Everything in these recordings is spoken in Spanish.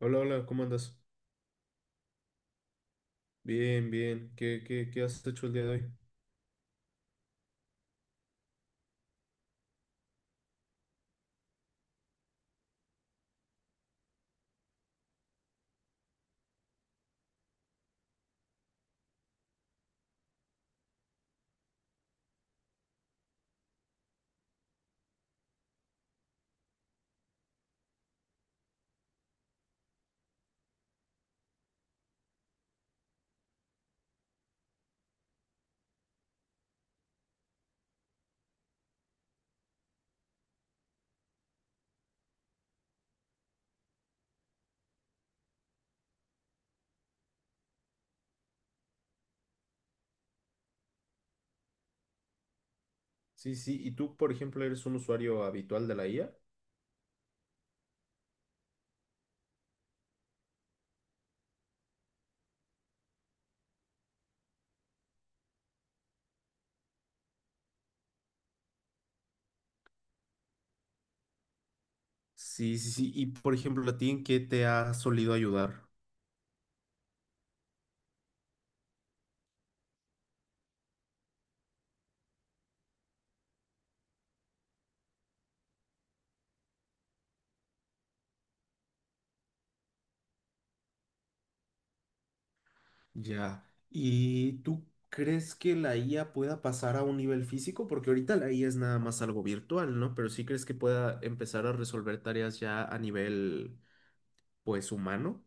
Hola, hola, ¿cómo andas? Bien, bien. ¿Qué has hecho el día de hoy? Sí, sí. ¿Y tú, por ejemplo, eres un usuario habitual de la IA? Sí, sí, sí. Y, por ejemplo, ¿a ti en qué te ha solido ayudar? Ya. ¿Y tú crees que la IA pueda pasar a un nivel físico? Porque ahorita la IA es nada más algo virtual, ¿no? Pero sí crees que pueda empezar a resolver tareas ya a nivel, pues, humano.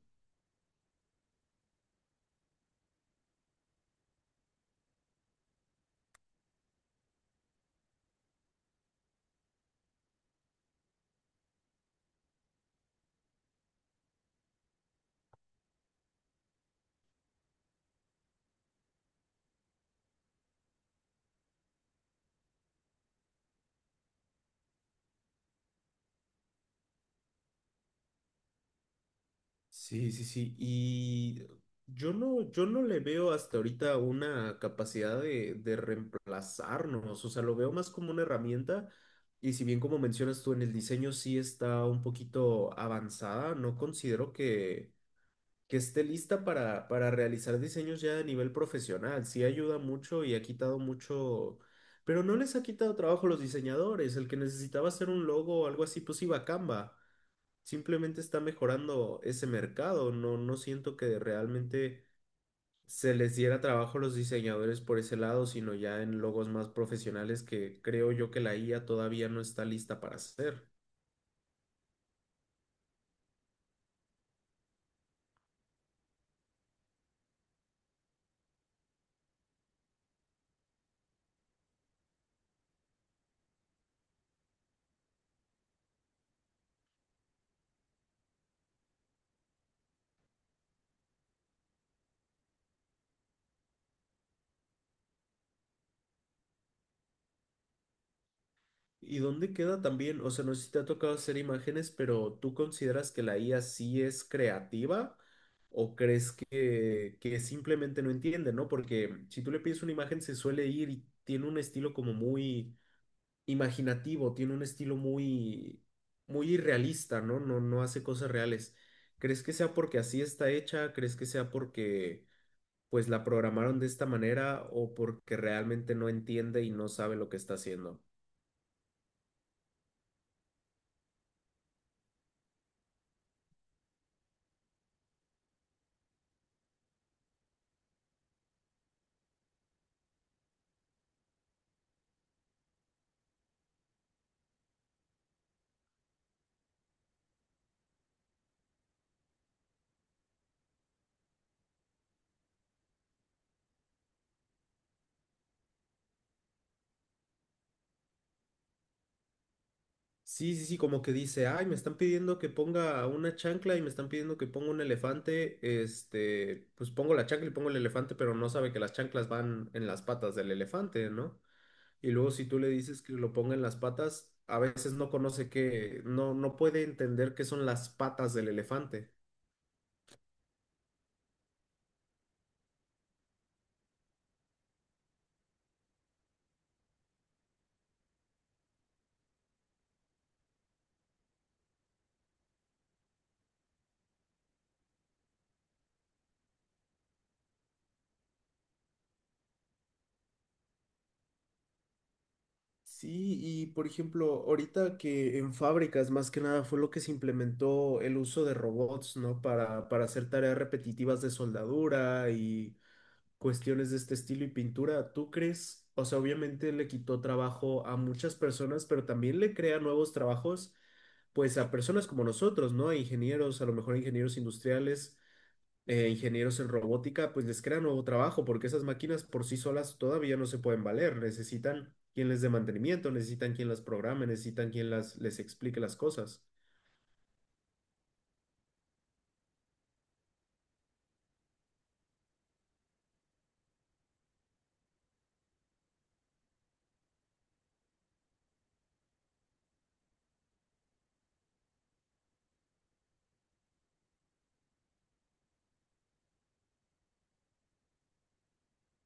Sí, sí, sí. Y yo no, yo no le veo hasta ahorita una capacidad de reemplazarnos. O sea, lo veo más como una herramienta. Y si bien como mencionas tú en el diseño sí está un poquito avanzada, no considero que esté lista para realizar diseños ya a nivel profesional. Sí ayuda mucho y ha quitado mucho, pero no les ha quitado trabajo a los diseñadores. El que necesitaba hacer un logo o algo así, pues iba a Canva, simplemente está mejorando ese mercado. No, no siento que realmente se les diera trabajo a los diseñadores por ese lado, sino ya en logos más profesionales que creo yo que la IA todavía no está lista para hacer. ¿Y dónde queda también? O sea, no sé si te ha tocado hacer imágenes, pero ¿tú consideras que la IA sí es creativa? ¿O crees que simplemente no entiende, no? Porque si tú le pides una imagen se suele ir y tiene un estilo como muy imaginativo, tiene un estilo muy, muy irrealista, ¿no? No, no hace cosas reales. ¿Crees que sea porque así está hecha? ¿Crees que sea porque pues la programaron de esta manera o porque realmente no entiende y no sabe lo que está haciendo? Sí, sí, sí, como que dice, ay, me están pidiendo que ponga una chancla y me están pidiendo que ponga un elefante, pues pongo la chancla y pongo el elefante, pero no sabe que las chanclas van en las patas del elefante, ¿no? Y luego si tú le dices que lo ponga en las patas, a veces no conoce que, no, no puede entender qué son las patas del elefante. Sí, y por ejemplo, ahorita que en fábricas más que nada fue lo que se implementó el uso de robots, ¿no? Para hacer tareas repetitivas de soldadura y cuestiones de este estilo y pintura. ¿Tú crees? O sea, obviamente le quitó trabajo a muchas personas, pero también le crea nuevos trabajos, pues a personas como nosotros, ¿no? A ingenieros, a lo mejor ingenieros industriales. Ingenieros en robótica, pues les crea nuevo trabajo, porque esas máquinas por sí solas todavía no se pueden valer, necesitan quien les dé mantenimiento, necesitan quien las programe, necesitan quien las, les explique las cosas.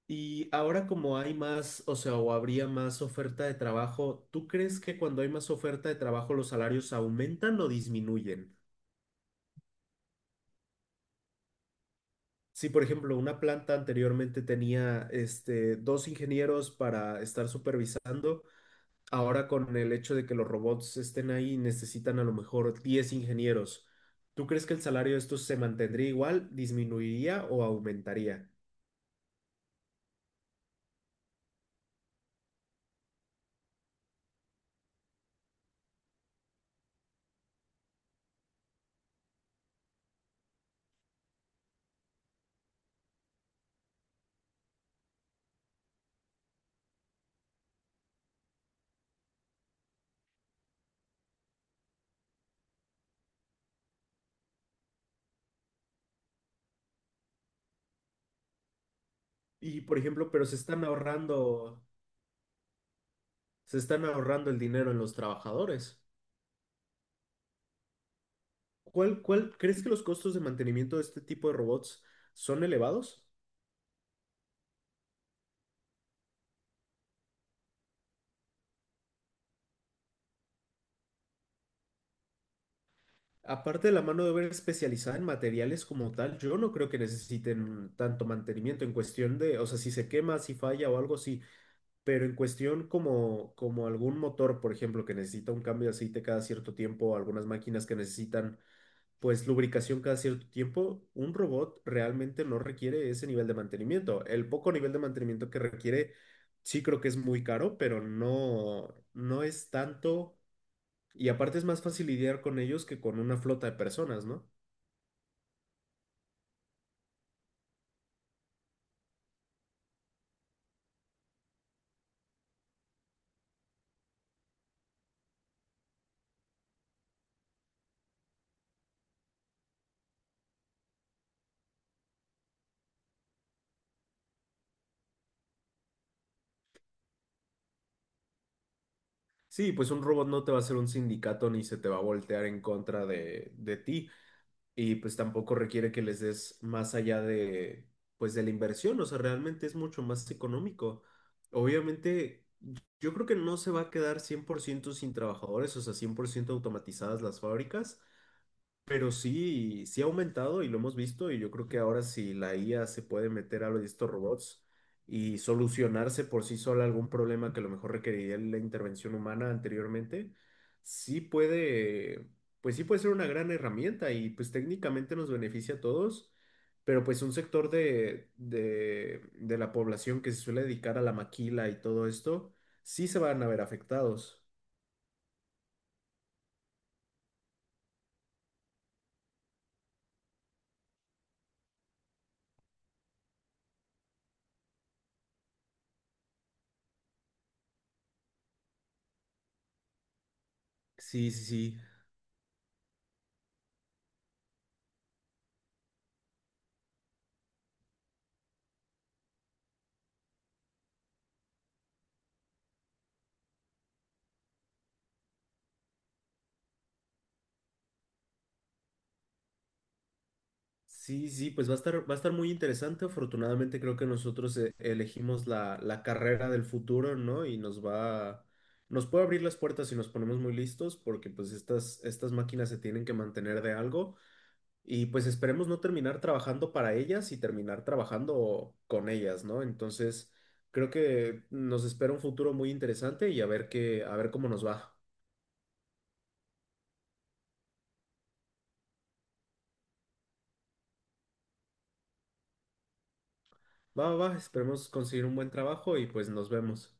Y ahora como hay más, o sea, o habría más oferta de trabajo, ¿tú crees que cuando hay más oferta de trabajo los salarios aumentan o disminuyen? Si, por ejemplo, una planta anteriormente tenía dos ingenieros para estar supervisando, ahora con el hecho de que los robots estén ahí, necesitan a lo mejor 10 ingenieros. ¿Tú crees que el salario de estos se mantendría igual, disminuiría o aumentaría? Y por ejemplo, pero se están ahorrando el dinero en los trabajadores. ¿Cuál, cuál, crees que los costos de mantenimiento de este tipo de robots son elevados? Aparte de la mano de obra especializada en materiales como tal, yo no creo que necesiten tanto mantenimiento en cuestión de, o sea, si se quema, si falla o algo, sí. Pero en cuestión como, como algún motor, por ejemplo, que necesita un cambio de aceite cada cierto tiempo, algunas máquinas que necesitan pues lubricación cada cierto tiempo, un robot realmente no requiere ese nivel de mantenimiento. El poco nivel de mantenimiento que requiere, sí creo que es muy caro, pero no, no es tanto. Y aparte es más fácil lidiar con ellos que con una flota de personas, ¿no? Sí, pues un robot no te va a hacer un sindicato ni se te va a voltear en contra de ti. Y pues tampoco requiere que les des más allá de, pues de la inversión, o sea, realmente es mucho más económico. Obviamente, yo creo que no se va a quedar 100% sin trabajadores, o sea, 100% automatizadas las fábricas, pero sí, sí ha aumentado y lo hemos visto y yo creo que ahora si la IA se puede meter a lo de estos robots y solucionarse por sí sola algún problema que a lo mejor requeriría la intervención humana anteriormente, sí puede, pues sí puede ser una gran herramienta y pues técnicamente nos beneficia a todos, pero pues un sector de la población que se suele dedicar a la maquila y todo esto, sí se van a ver afectados. Sí, sí, sí. Sí, sí, pues va a estar muy interesante. Afortunadamente creo que nosotros elegimos la carrera del futuro, ¿no? Y nos va, nos puede abrir las puertas si nos ponemos muy listos, porque pues estas, estas máquinas se tienen que mantener de algo y pues esperemos no terminar trabajando para ellas y terminar trabajando con ellas, ¿no? Entonces creo que nos espera un futuro muy interesante y a ver qué, a ver cómo nos va. Va, va, va, esperemos conseguir un buen trabajo y pues nos vemos.